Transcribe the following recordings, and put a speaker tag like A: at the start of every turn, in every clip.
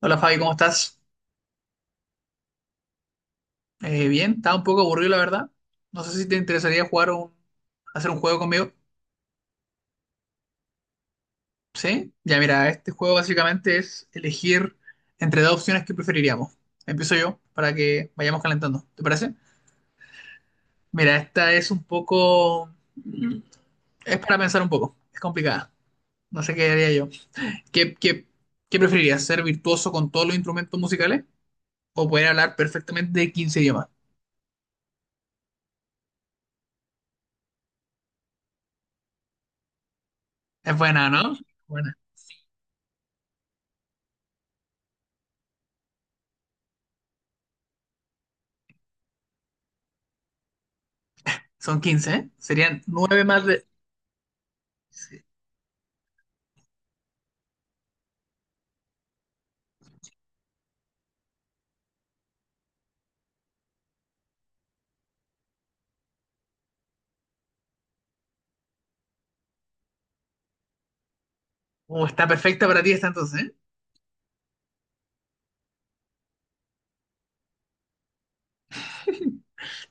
A: Hola Fabi, ¿cómo estás? Bien, estaba un poco aburrido la verdad. No sé si te interesaría hacer un juego conmigo. ¿Sí? Ya mira, este juego básicamente es elegir entre dos opciones que preferiríamos. Empiezo yo para que vayamos calentando, ¿te parece? Mira, esta es un poco... Es para pensar un poco, es complicada. No sé qué haría yo. ¿Qué, qué, qué preferirías? ¿Ser virtuoso con todos los instrumentos musicales o poder hablar perfectamente de 15 idiomas? Es buena, ¿no? Buena. Son quince, ¿eh? Serían 9 más, de sí. Oh, está perfecta para ti esta entonces, ¿eh?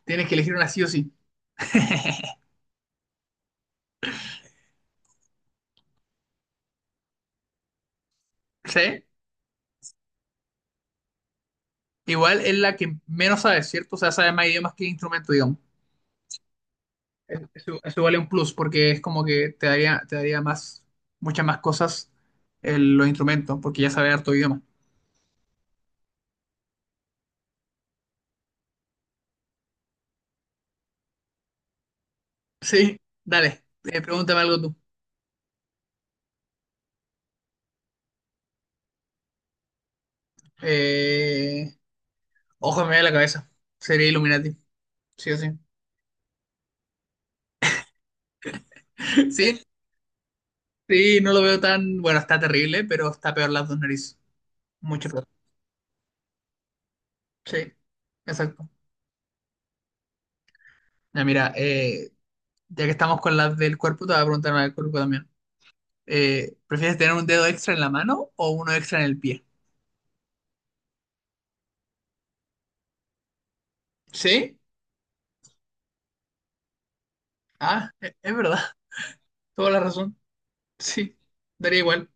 A: Tienes que elegir una sí o sí. ¿Sí? Igual es la que menos sabes, ¿cierto? O sea, sabes más idiomas que instrumento, digamos. Eso vale un plus porque es como que te daría más, muchas más cosas los instrumentos, porque ya sabes harto idioma. Sí, dale, pregúntame algo tú. Eh, Ojo, me da la cabeza. Sería Illuminati, sí o sí. Sí, sí, no lo veo tan. Bueno, está terrible, pero está peor las dos narices. Mucho peor. Sí, exacto. Ya, mira, ya que estamos con las del cuerpo, te voy a preguntar una del cuerpo también. ¿Prefieres tener un dedo extra en la mano o uno extra en el pie? Sí. Ah, es verdad. Toda la razón. Sí. Daría igual.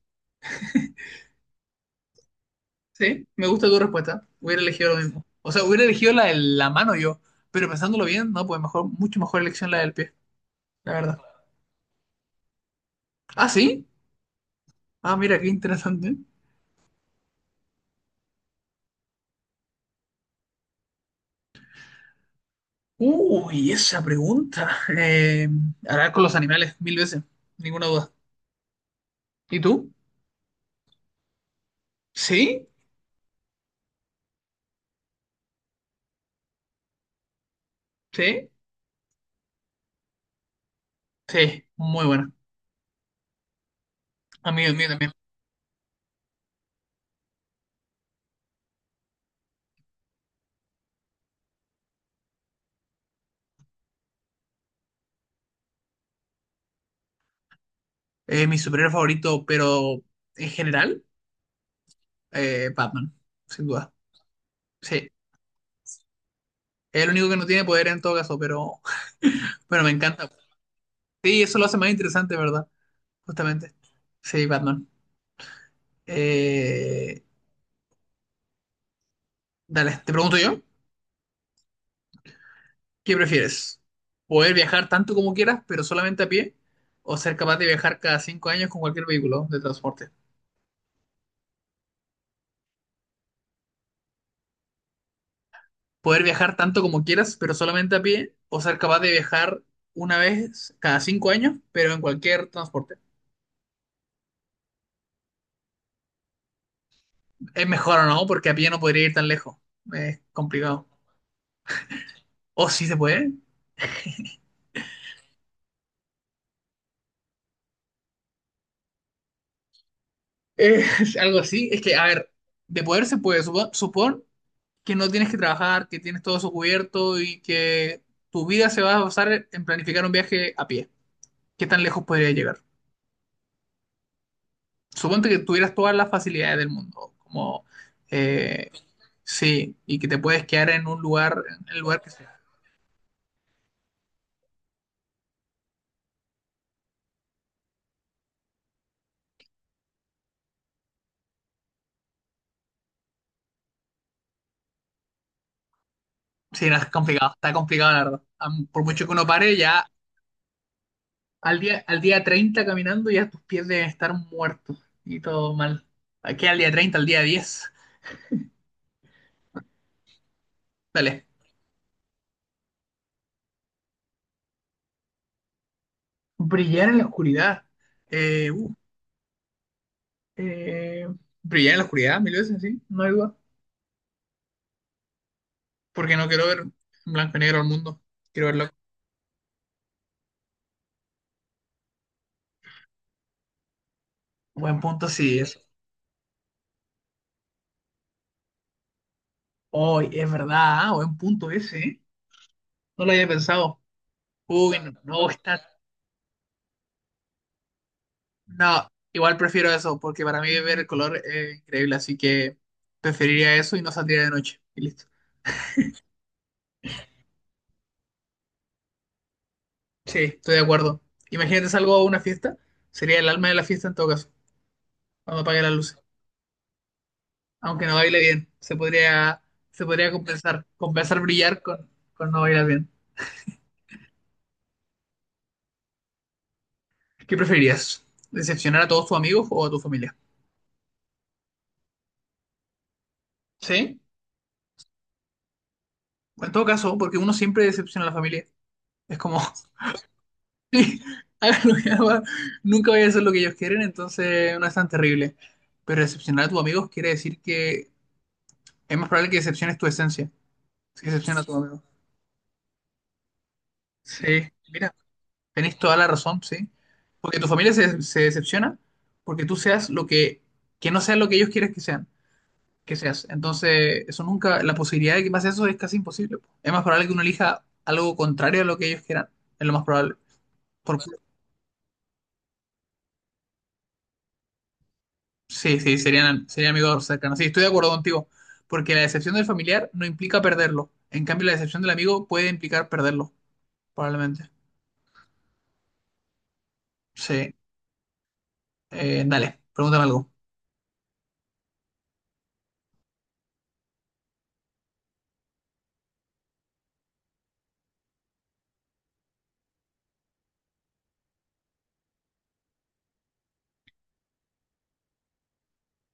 A: Sí. Me gusta tu respuesta. Hubiera elegido lo mismo. O sea, hubiera elegido la de la mano yo. Pero pensándolo bien, no, pues mejor, mucho mejor elección la del pie. La verdad. Ah, sí. Ah, mira, qué interesante. Uy, esa pregunta. Eh, Hablar con los animales mil veces. Ninguna duda. ¿Y tú? ¿Sí? ¿Sí? Sí, muy buena. A mí también. Mi superhéroe favorito, pero en general, Batman, sin duda. Sí, es el único que no tiene poder en todo caso, pero bueno, me encanta. Sí, eso lo hace más interesante, ¿verdad? Justamente. Sí, Batman. Eh, Dale, te pregunto yo, ¿qué prefieres? ¿Poder viajar tanto como quieras, pero solamente a pie? ¿O ser capaz de viajar cada cinco años con cualquier vehículo de transporte? Poder viajar tanto como quieras, pero solamente a pie, o ser capaz de viajar una vez cada cinco años, pero en cualquier transporte. Es mejor o no, porque a pie no podría ir tan lejos. Es complicado. O sí se puede. Eh, algo así. Es que, a ver, de poder se puede. Supón que no tienes que trabajar, que tienes todo eso cubierto y que tu vida se va a basar en planificar un viaje a pie. ¿Qué tan lejos podría llegar? Suponte que tuvieras todas las facilidades del mundo, como eh, sí, y que te puedes quedar en un lugar, en el lugar que sea. Sí, no, es complicado, está complicado, la verdad. Por mucho que uno pare, ya al día 30 caminando, ya tus pies deben estar muertos y todo mal. Aquí al día 30 al día 10. Dale. Brillar en la oscuridad. Eh, uh, eh, Brillar en la oscuridad, mil veces, sí, no hay duda. Porque no quiero ver en blanco y negro al mundo. Quiero verlo. Buen punto, sí, eso. Hoy, es verdad, ah, buen punto ese, ¿eh? No lo había pensado. Uy, no, no, está. No, igual prefiero eso, porque para mí ver el color es increíble, así que preferiría eso y no saldría de noche. Y listo. Sí, estoy de acuerdo. Imagínate, salgo a una fiesta, sería el alma de la fiesta en todo caso, cuando apague las luces. Aunque no baile bien, se podría compensar brillar con no bailar bien. ¿Qué preferirías? ¿Decepcionar a todos tus amigos o a tu familia? Sí, en todo caso, porque uno siempre decepciona a la familia. Es como sí, hagan lo que hagan, nunca voy a hacer lo que ellos quieren, entonces no es tan terrible. Pero decepcionar a tus amigos quiere decir que es más probable que decepciones tu esencia, si decepciona a tus amigos. Sí, mira, tenés toda la razón, sí. Porque tu familia se decepciona porque tú seas lo que no seas lo que ellos quieren que sean, que seas. Entonces, eso nunca, la posibilidad de que pase eso es casi imposible, po. Es más probable que uno elija algo contrario a lo que ellos quieran, es lo más probable. Por, sí, sí, serían amigos cercanos. Sí, estoy de acuerdo contigo, porque la decepción del familiar no implica perderlo. En cambio, la decepción del amigo puede implicar perderlo, probablemente. Sí. Dale, pregúntame algo.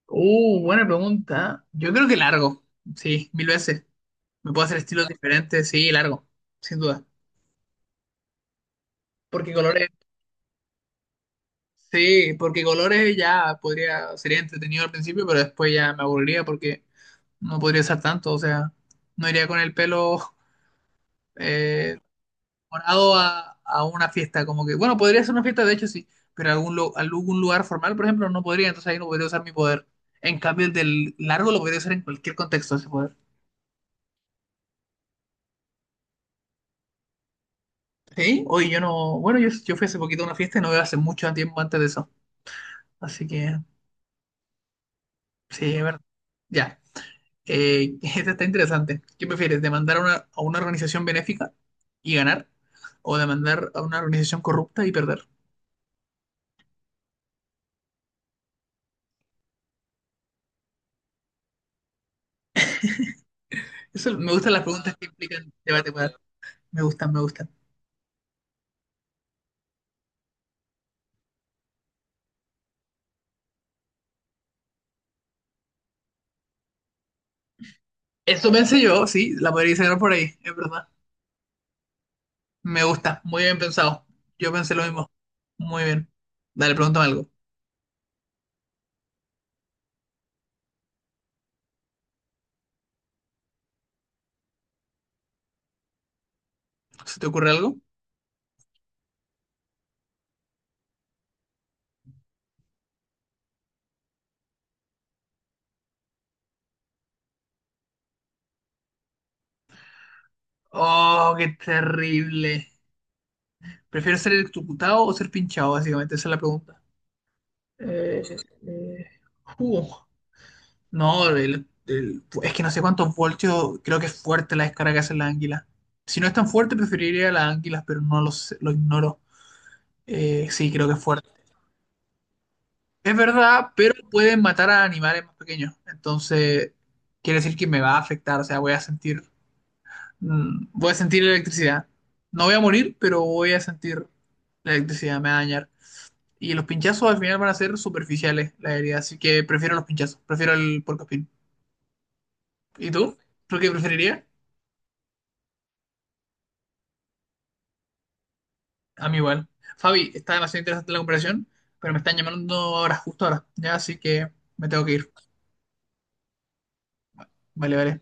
A: Buena pregunta. Yo creo que largo. Sí, mil veces. Me puedo hacer estilos diferentes. Sí, largo, sin duda. Porque colores, sí, porque colores ya podría, sería entretenido al principio, pero después ya me aburriría porque no podría usar tanto. O sea, no iría con el pelo. eh, Morado a una fiesta, como que, bueno, podría ser una fiesta, de hecho sí, pero algún lugar formal, por ejemplo, no podría, entonces ahí no podría usar mi poder. En cambio, el del largo lo podría usar en cualquier contexto ese poder. Sí, hoy yo no, bueno, yo fui hace poquito a una fiesta y no veo hace mucho tiempo antes de eso, así que sí, es verdad. Ya, esta está interesante. ¿Qué prefieres, demandar a a una organización benéfica y ganar o demandar a una organización corrupta y perder? Eso, me gustan las preguntas que implican debate, poder. Me gustan. Eso pensé yo, sí, la podría sacar por ahí, es verdad. Me gusta, muy bien pensado. Yo pensé lo mismo. Muy bien. Dale, pregúntame algo. ¿Se te ocurre algo? Oh, qué terrible. ¿Prefiero ser electrocutado o ser pinchado, básicamente? Esa es la pregunta. Eh, eh, uh, no, es que no sé cuántos voltios, creo que es fuerte la descarga que hacen las anguilas. Si no es tan fuerte, preferiría las anguilas, pero no lo sé, lo ignoro. Sí, creo que es fuerte. Es verdad, pero pueden matar a animales más pequeños. Entonces, quiere decir que me va a afectar, o sea, voy a sentir, voy a sentir electricidad. No voy a morir, pero voy a sentir la electricidad, me va a dañar. Y los pinchazos al final van a ser superficiales, la herida, así que prefiero los pinchazos, prefiero el porcospín. ¿Y tú? ¿Tú qué preferirías? A mí igual. Fabi, está demasiado interesante la comparación, pero me están llamando ahora, justo ahora, ya, así que me tengo que ir. Vale, vale.